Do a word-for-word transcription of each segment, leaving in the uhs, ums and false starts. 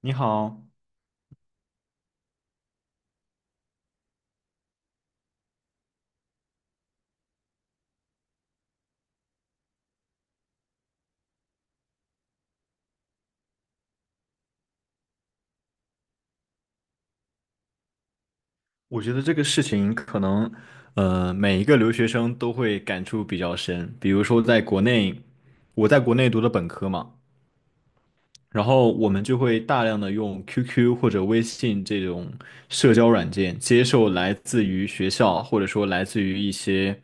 你好，我觉得这个事情可能，呃，每一个留学生都会感触比较深。比如说，在国内，我在国内读的本科嘛，然后我们就会大量的用 Q Q 或者微信这种社交软件，接受来自于学校或者说来自于一些，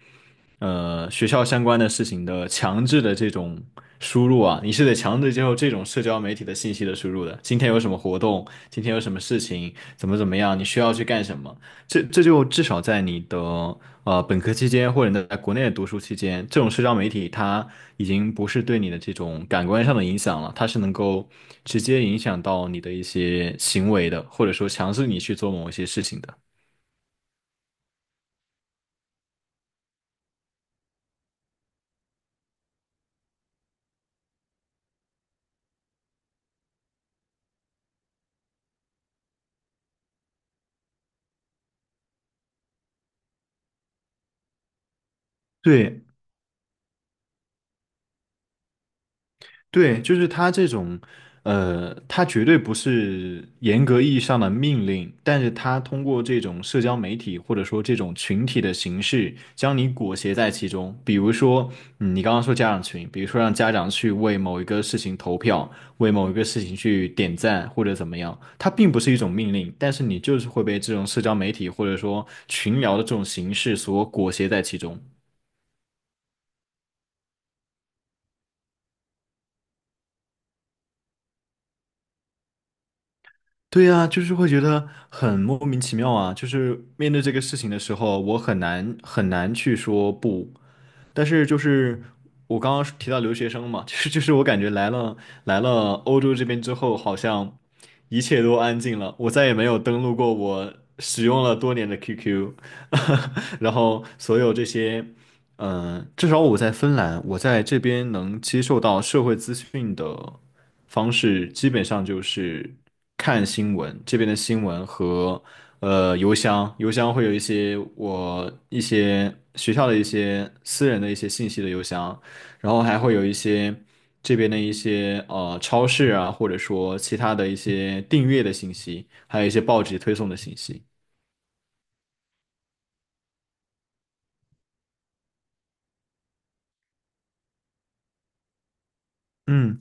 呃，学校相关的事情的强制的这种输入啊，你是得强制接受这种社交媒体的信息的输入的。今天有什么活动？今天有什么事情？怎么怎么样？你需要去干什么？这这就至少在你的呃本科期间，或者你在国内的读书期间，这种社交媒体它已经不是对你的这种感官上的影响了，它是能够直接影响到你的一些行为的，或者说强制你去做某一些事情的。对，对，就是他这种，呃，他绝对不是严格意义上的命令，但是他通过这种社交媒体或者说这种群体的形式，将你裹挟在其中。比如说，嗯你刚刚说家长群，比如说让家长去为某一个事情投票，为某一个事情去点赞或者怎么样，它并不是一种命令，但是你就是会被这种社交媒体或者说群聊的这种形式所裹挟在其中。对呀，就是会觉得很莫名其妙啊。就是面对这个事情的时候，我很难很难去说不。但是就是我刚刚提到留学生嘛，就是就是我感觉来了来了欧洲这边之后，好像一切都安静了。我再也没有登录过我使用了多年的 Q Q，然后所有这些。嗯，至少我在芬兰，我在这边能接受到社会资讯的方式，基本上就是看新闻，这边的新闻和呃邮箱，邮箱会有一些我一些学校的一些私人的一些信息的邮箱，然后还会有一些这边的一些呃超市啊，或者说其他的一些订阅的信息，还有一些报纸推送的信息。嗯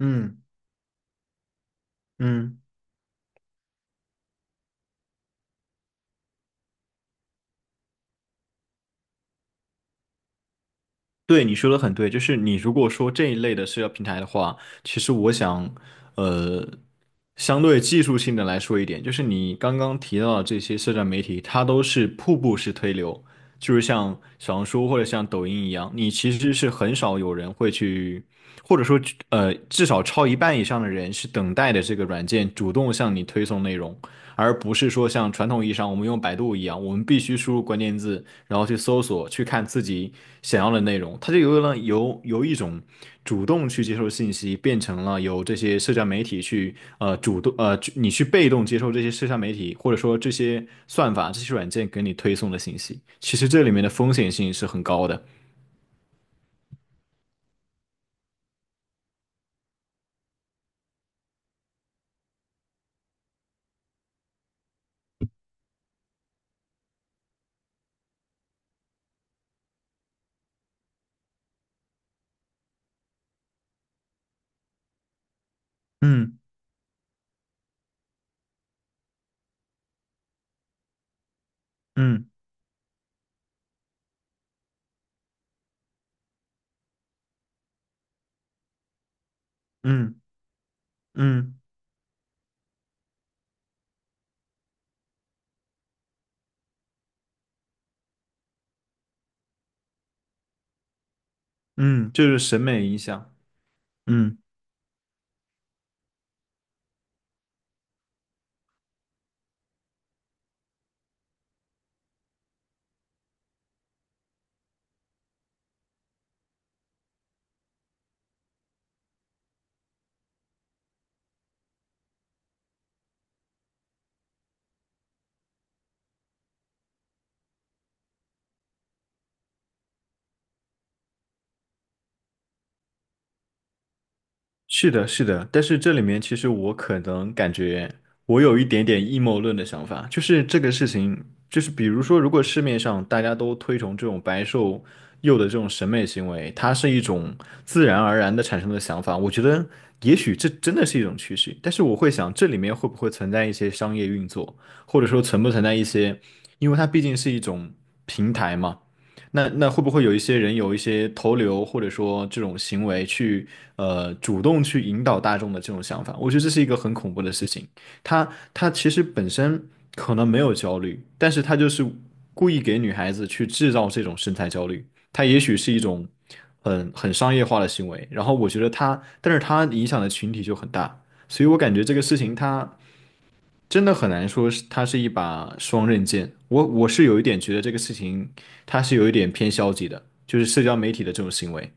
嗯嗯。对，你说的很对，就是你如果说这一类的社交平台的话，其实我想，呃，相对技术性的来说一点，就是你刚刚提到的这些社交媒体，它都是瀑布式推流，就是像小红书或者像抖音一样，你其实是很少有人会去，或者说，呃，至少超一半以上的人是等待的这个软件主动向你推送内容。而不是说像传统意义上我们用百度一样，我们必须输入关键字，然后去搜索，去看自己想要的内容。它就由了由由一种主动去接受信息，变成了由这些社交媒体去呃主动呃去你去被动接受这些社交媒体或者说这些算法、这些软件给你推送的信息。其实这里面的风险性是很高的。嗯嗯嗯嗯嗯，这就是审美影响。嗯。是的，是的，但是这里面其实我可能感觉我有一点点阴谋论的想法，就是这个事情，就是比如说，如果市面上大家都推崇这种白瘦幼的这种审美行为，它是一种自然而然的产生的想法，我觉得也许这真的是一种趋势，但是我会想这里面会不会存在一些商业运作，或者说存不存在一些，因为它毕竟是一种平台嘛。那那会不会有一些人有一些投流或者说这种行为去呃主动去引导大众的这种想法？我觉得这是一个很恐怖的事情。他他其实本身可能没有焦虑，但是他就是故意给女孩子去制造这种身材焦虑。他也许是一种很很商业化的行为，然后我觉得他，但是他影响的群体就很大，所以我感觉这个事情它。真的很难说是它是一把双刃剑。我我是有一点觉得这个事情它是有一点偏消极的，就是社交媒体的这种行为。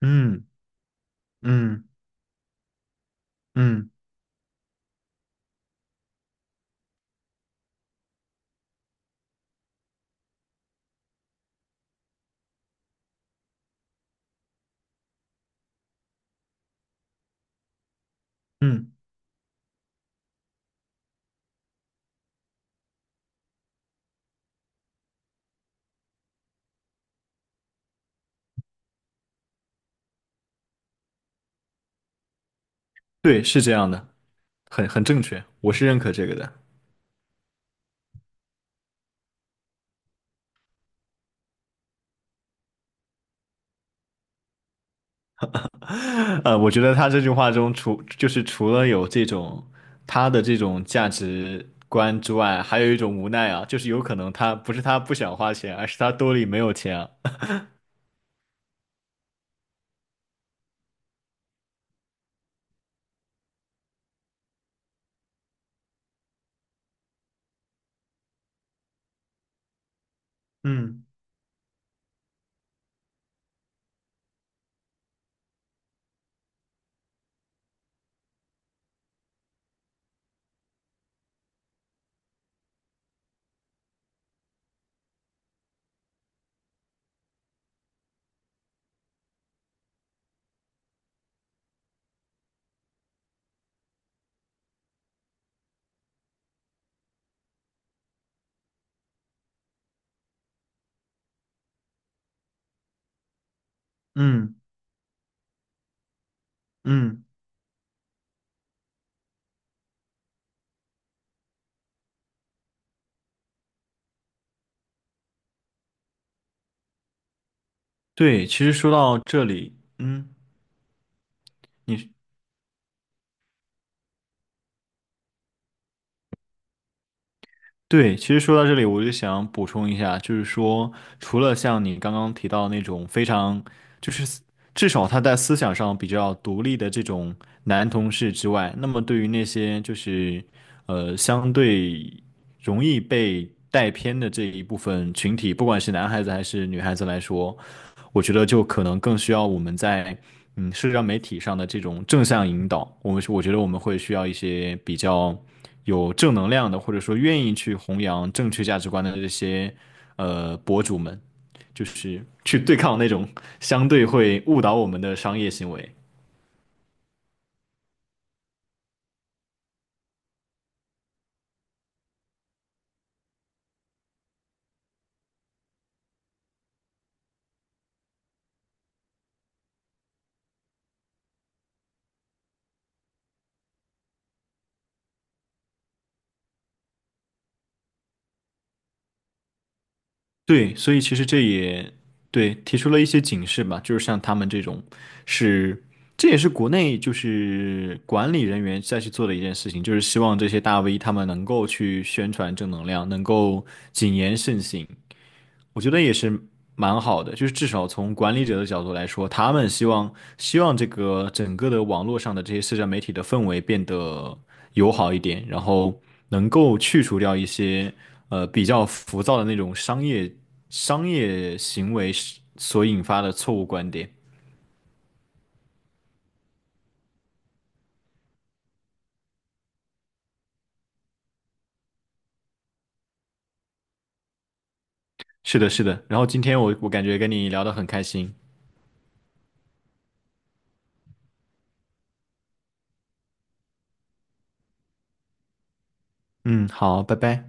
嗯嗯嗯嗯，对，是这样的，很很正确，我是认可这个的。呃，我觉得他这句话中除就是除了有这种他的这种价值观之外，还有一种无奈啊，就是有可能他不是他不想花钱，而是他兜里没有钱啊。嗯嗯嗯，对，其实说到这里，嗯。你对，其实说到这里，我就想补充一下，就是说，除了像你刚刚提到那种非常，就是思至少他在思想上比较独立的这种男同事之外，那么对于那些就是呃相对容易被带偏的这一部分群体，不管是男孩子还是女孩子来说，我觉得就可能更需要我们在嗯社交媒体上的这种正向引导。我们我觉得我们会需要一些比较。有正能量的，或者说愿意去弘扬正确价值观的这些呃博主们，就是去对抗那种相对会误导我们的商业行为。对，所以其实这也对提出了一些警示吧，就是像他们这种是。这也是国内就是管理人员再去做的一件事情，就是希望这些大 V 他们能够去宣传正能量，能够谨言慎行。我觉得也是蛮好的，就是至少从管理者的角度来说，他们希望希望这个整个的网络上的这些社交媒体的氛围变得友好一点，然后能够去除掉一些呃比较浮躁的那种商业商业行为所引发的错误观点。是的，是的。然后今天我我感觉跟你聊得很开心。嗯，好，拜拜。